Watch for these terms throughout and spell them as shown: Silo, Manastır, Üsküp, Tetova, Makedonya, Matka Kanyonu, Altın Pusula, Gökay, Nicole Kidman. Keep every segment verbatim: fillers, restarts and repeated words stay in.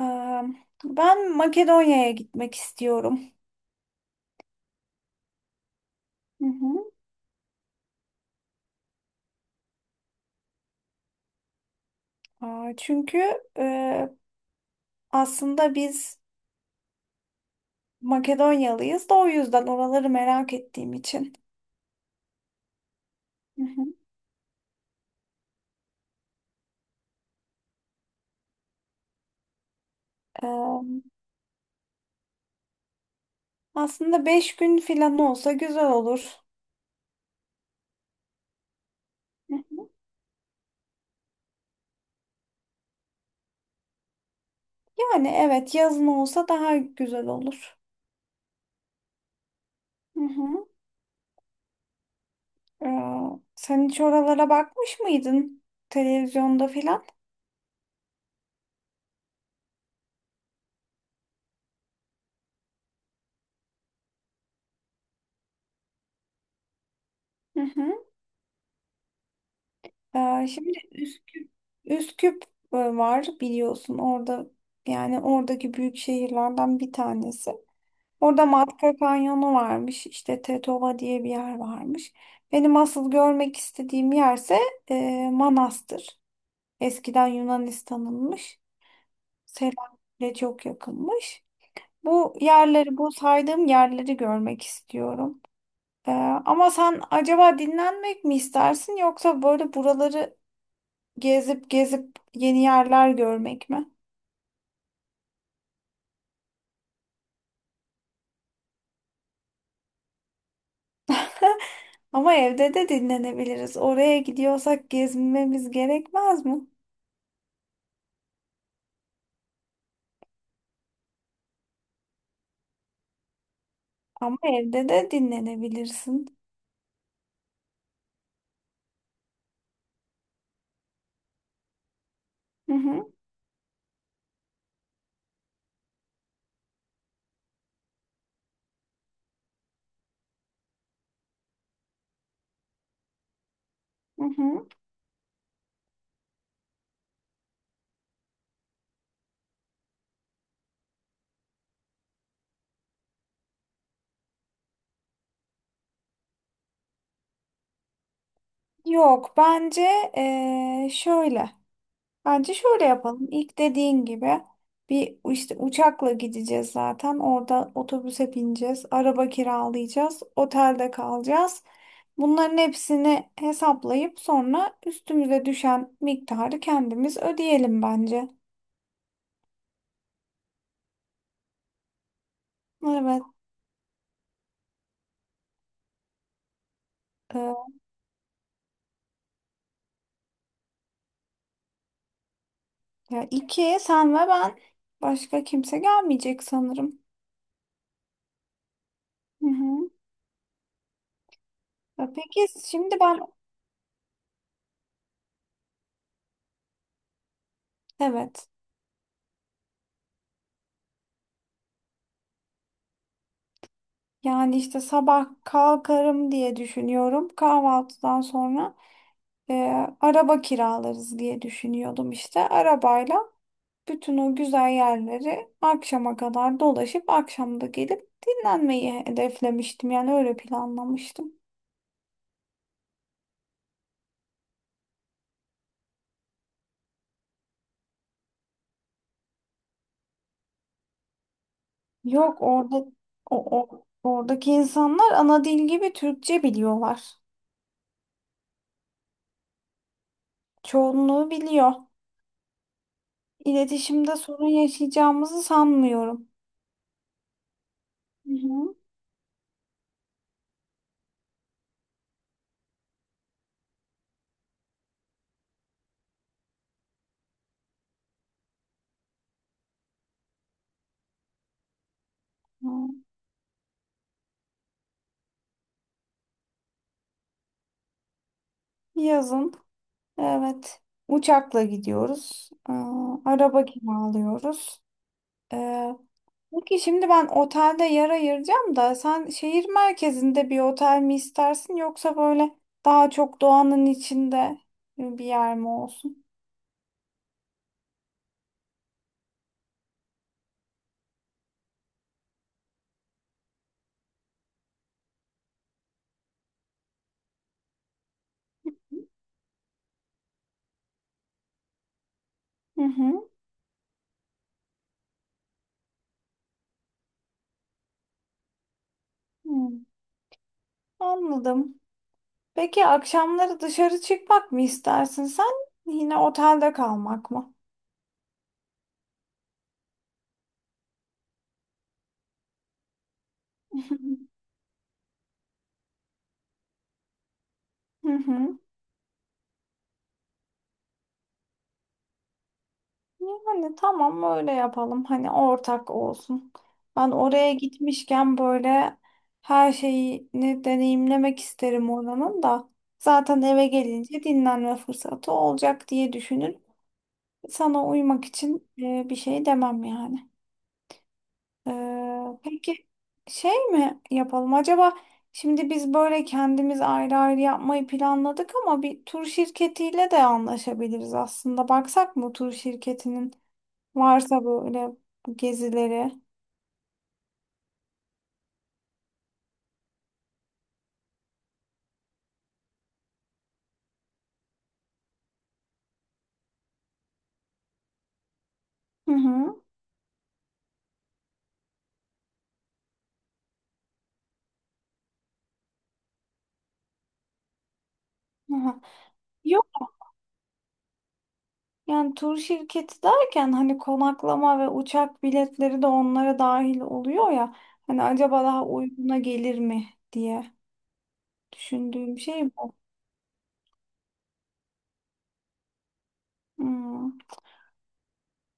Eee, Ben Makedonya'ya gitmek istiyorum. Hı hı. Aa, çünkü eee, aslında biz Makedonyalıyız da o yüzden oraları merak ettiğim için. Hı hı. Eee, Aslında beş gün falan olsa güzel olur. Hı hı. Yani evet, yazın olsa daha güzel olur. Hı hı. Eee, Sen hiç oralara bakmış mıydın televizyonda filan? Hı hı. Ee, şimdi Üsküp, Üsküp e, var biliyorsun orada, yani oradaki büyük şehirlerden bir tanesi. Orada Matka Kanyonu varmış, işte Tetova diye bir yer varmış. Benim asıl görmek istediğim yerse e, Manastır. Eskiden Yunanistan'ınmış. Selanik'le çok yakınmış. Bu yerleri, bu saydığım yerleri görmek istiyorum. Ee, ama sen acaba dinlenmek mi istersin yoksa böyle buraları gezip gezip yeni yerler görmek mi? Ama evde de dinlenebiliriz. Oraya gidiyorsak gezmemiz gerekmez mi? Ama evde de dinlenebilirsin. Hı hı, hı hı. Yok, bence eee, şöyle. Bence şöyle yapalım. İlk dediğin gibi bir işte uçakla gideceğiz zaten. Orada otobüse bineceğiz. Araba kiralayacağız. Otelde kalacağız. Bunların hepsini hesaplayıp sonra üstümüze düşen miktarı kendimiz ödeyelim bence. Evet. e, Ya iki, sen ve ben, başka kimse gelmeyecek sanırım. Hı hı. E, Peki şimdi ben, evet, yani işte sabah kalkarım diye düşünüyorum, kahvaltıdan sonra. e, Araba kiralarız diye düşünüyordum işte. Arabayla bütün o güzel yerleri akşama kadar dolaşıp akşam da gelip dinlenmeyi hedeflemiştim. Yani öyle planlamıştım. Yok, orada o, o oradaki insanlar ana dil gibi Türkçe biliyorlar. Çoğunluğu biliyor. İletişimde sorun yaşayacağımızı sanmıyorum. Hı hı. Hı. Yazın. Evet. Uçakla gidiyoruz. Aa, araba kiralıyoruz. Ee, Peki şimdi ben otelde yer ayıracağım da, sen şehir merkezinde bir otel mi istersin, yoksa böyle daha çok doğanın içinde bir yer mi olsun? Hı hı. Hı. Anladım. Peki akşamları dışarı çıkmak mı istersin sen? Yine otelde kalmak mı? Hı hı. Yani tamam, öyle yapalım. Hani ortak olsun. Ben oraya gitmişken böyle her şeyini deneyimlemek isterim oranın da. Zaten eve gelince dinlenme fırsatı olacak diye düşünün. Sana uymak için e, bir şey demem yani. Ee, peki şey mi yapalım acaba? Şimdi biz böyle kendimiz ayrı ayrı yapmayı planladık ama bir tur şirketiyle de anlaşabiliriz aslında. Baksak mı tur şirketinin? Varsa böyle bu gezileri. Hı hı. Aha. Yok, yani tur şirketi derken hani konaklama ve uçak biletleri de onlara dahil oluyor ya. Hani acaba daha uyguna gelir mi diye düşündüğüm şey bu. Hmm.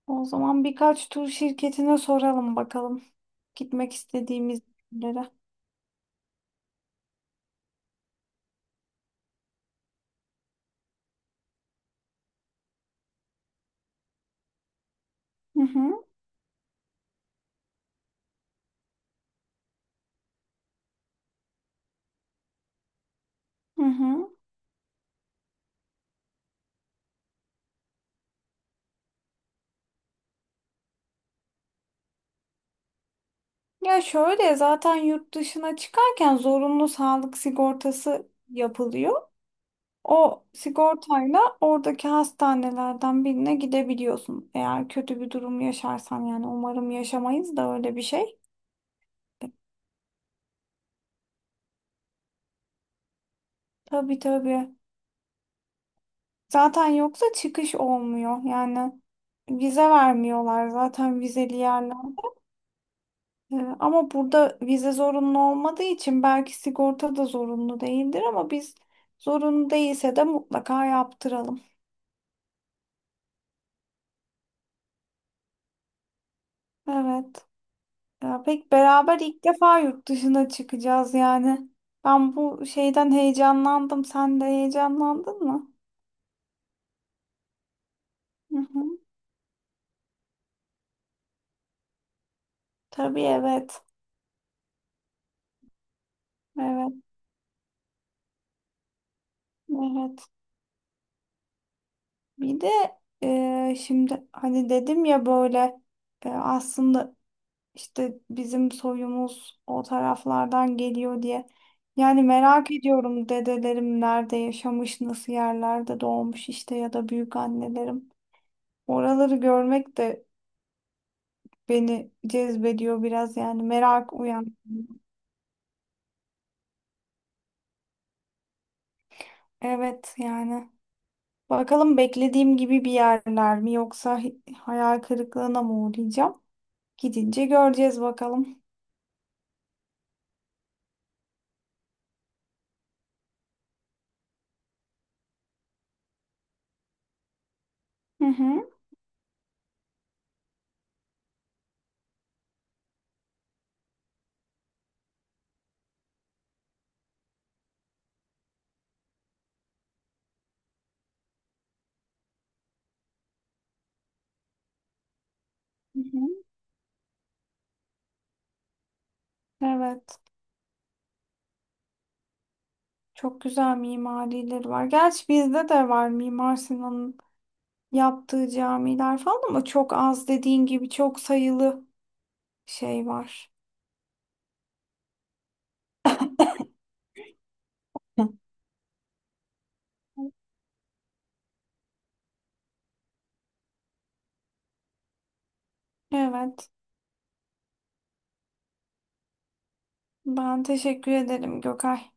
O zaman birkaç tur şirketine soralım bakalım, gitmek istediğimiz yerlere. Hı hı. Hı hı. Ya şöyle, zaten yurt dışına çıkarken zorunlu sağlık sigortası yapılıyor. O sigortayla oradaki hastanelerden birine gidebiliyorsun. Eğer kötü bir durum yaşarsan, yani umarım yaşamayız da öyle bir şey. Tabii tabii. Zaten yoksa çıkış olmuyor. Yani vize vermiyorlar zaten, vizeli yerlerde. Ee, ama burada vize zorunlu olmadığı için belki sigorta da zorunlu değildir, ama biz zorunlu değilse de mutlaka yaptıralım. Evet. Ya pek beraber ilk defa yurt dışına çıkacağız yani. Ben bu şeyden heyecanlandım. Sen de heyecanlandın mı? Hı hı. Tabii, evet. Evet. Evet. Bir de e, şimdi hani dedim ya böyle, e, aslında işte bizim soyumuz o taraflardan geliyor diye. Yani merak ediyorum, dedelerim nerede yaşamış, nasıl yerlerde doğmuş işte, ya da büyük annelerim. Oraları görmek de beni cezbediyor biraz, yani merak uyan. Evet yani. Bakalım beklediğim gibi bir yerler mi, yoksa hi- hayal kırıklığına mı uğrayacağım? Gidince göreceğiz bakalım. Hı hı. Hı hı. Evet. Çok güzel mimarileri var. Gerçi bizde de var, Mimar Sinan'ın yaptığı camiler falan, ama çok az, dediğin gibi çok sayılı şey var. Hı. Evet. Ben teşekkür ederim Gökay.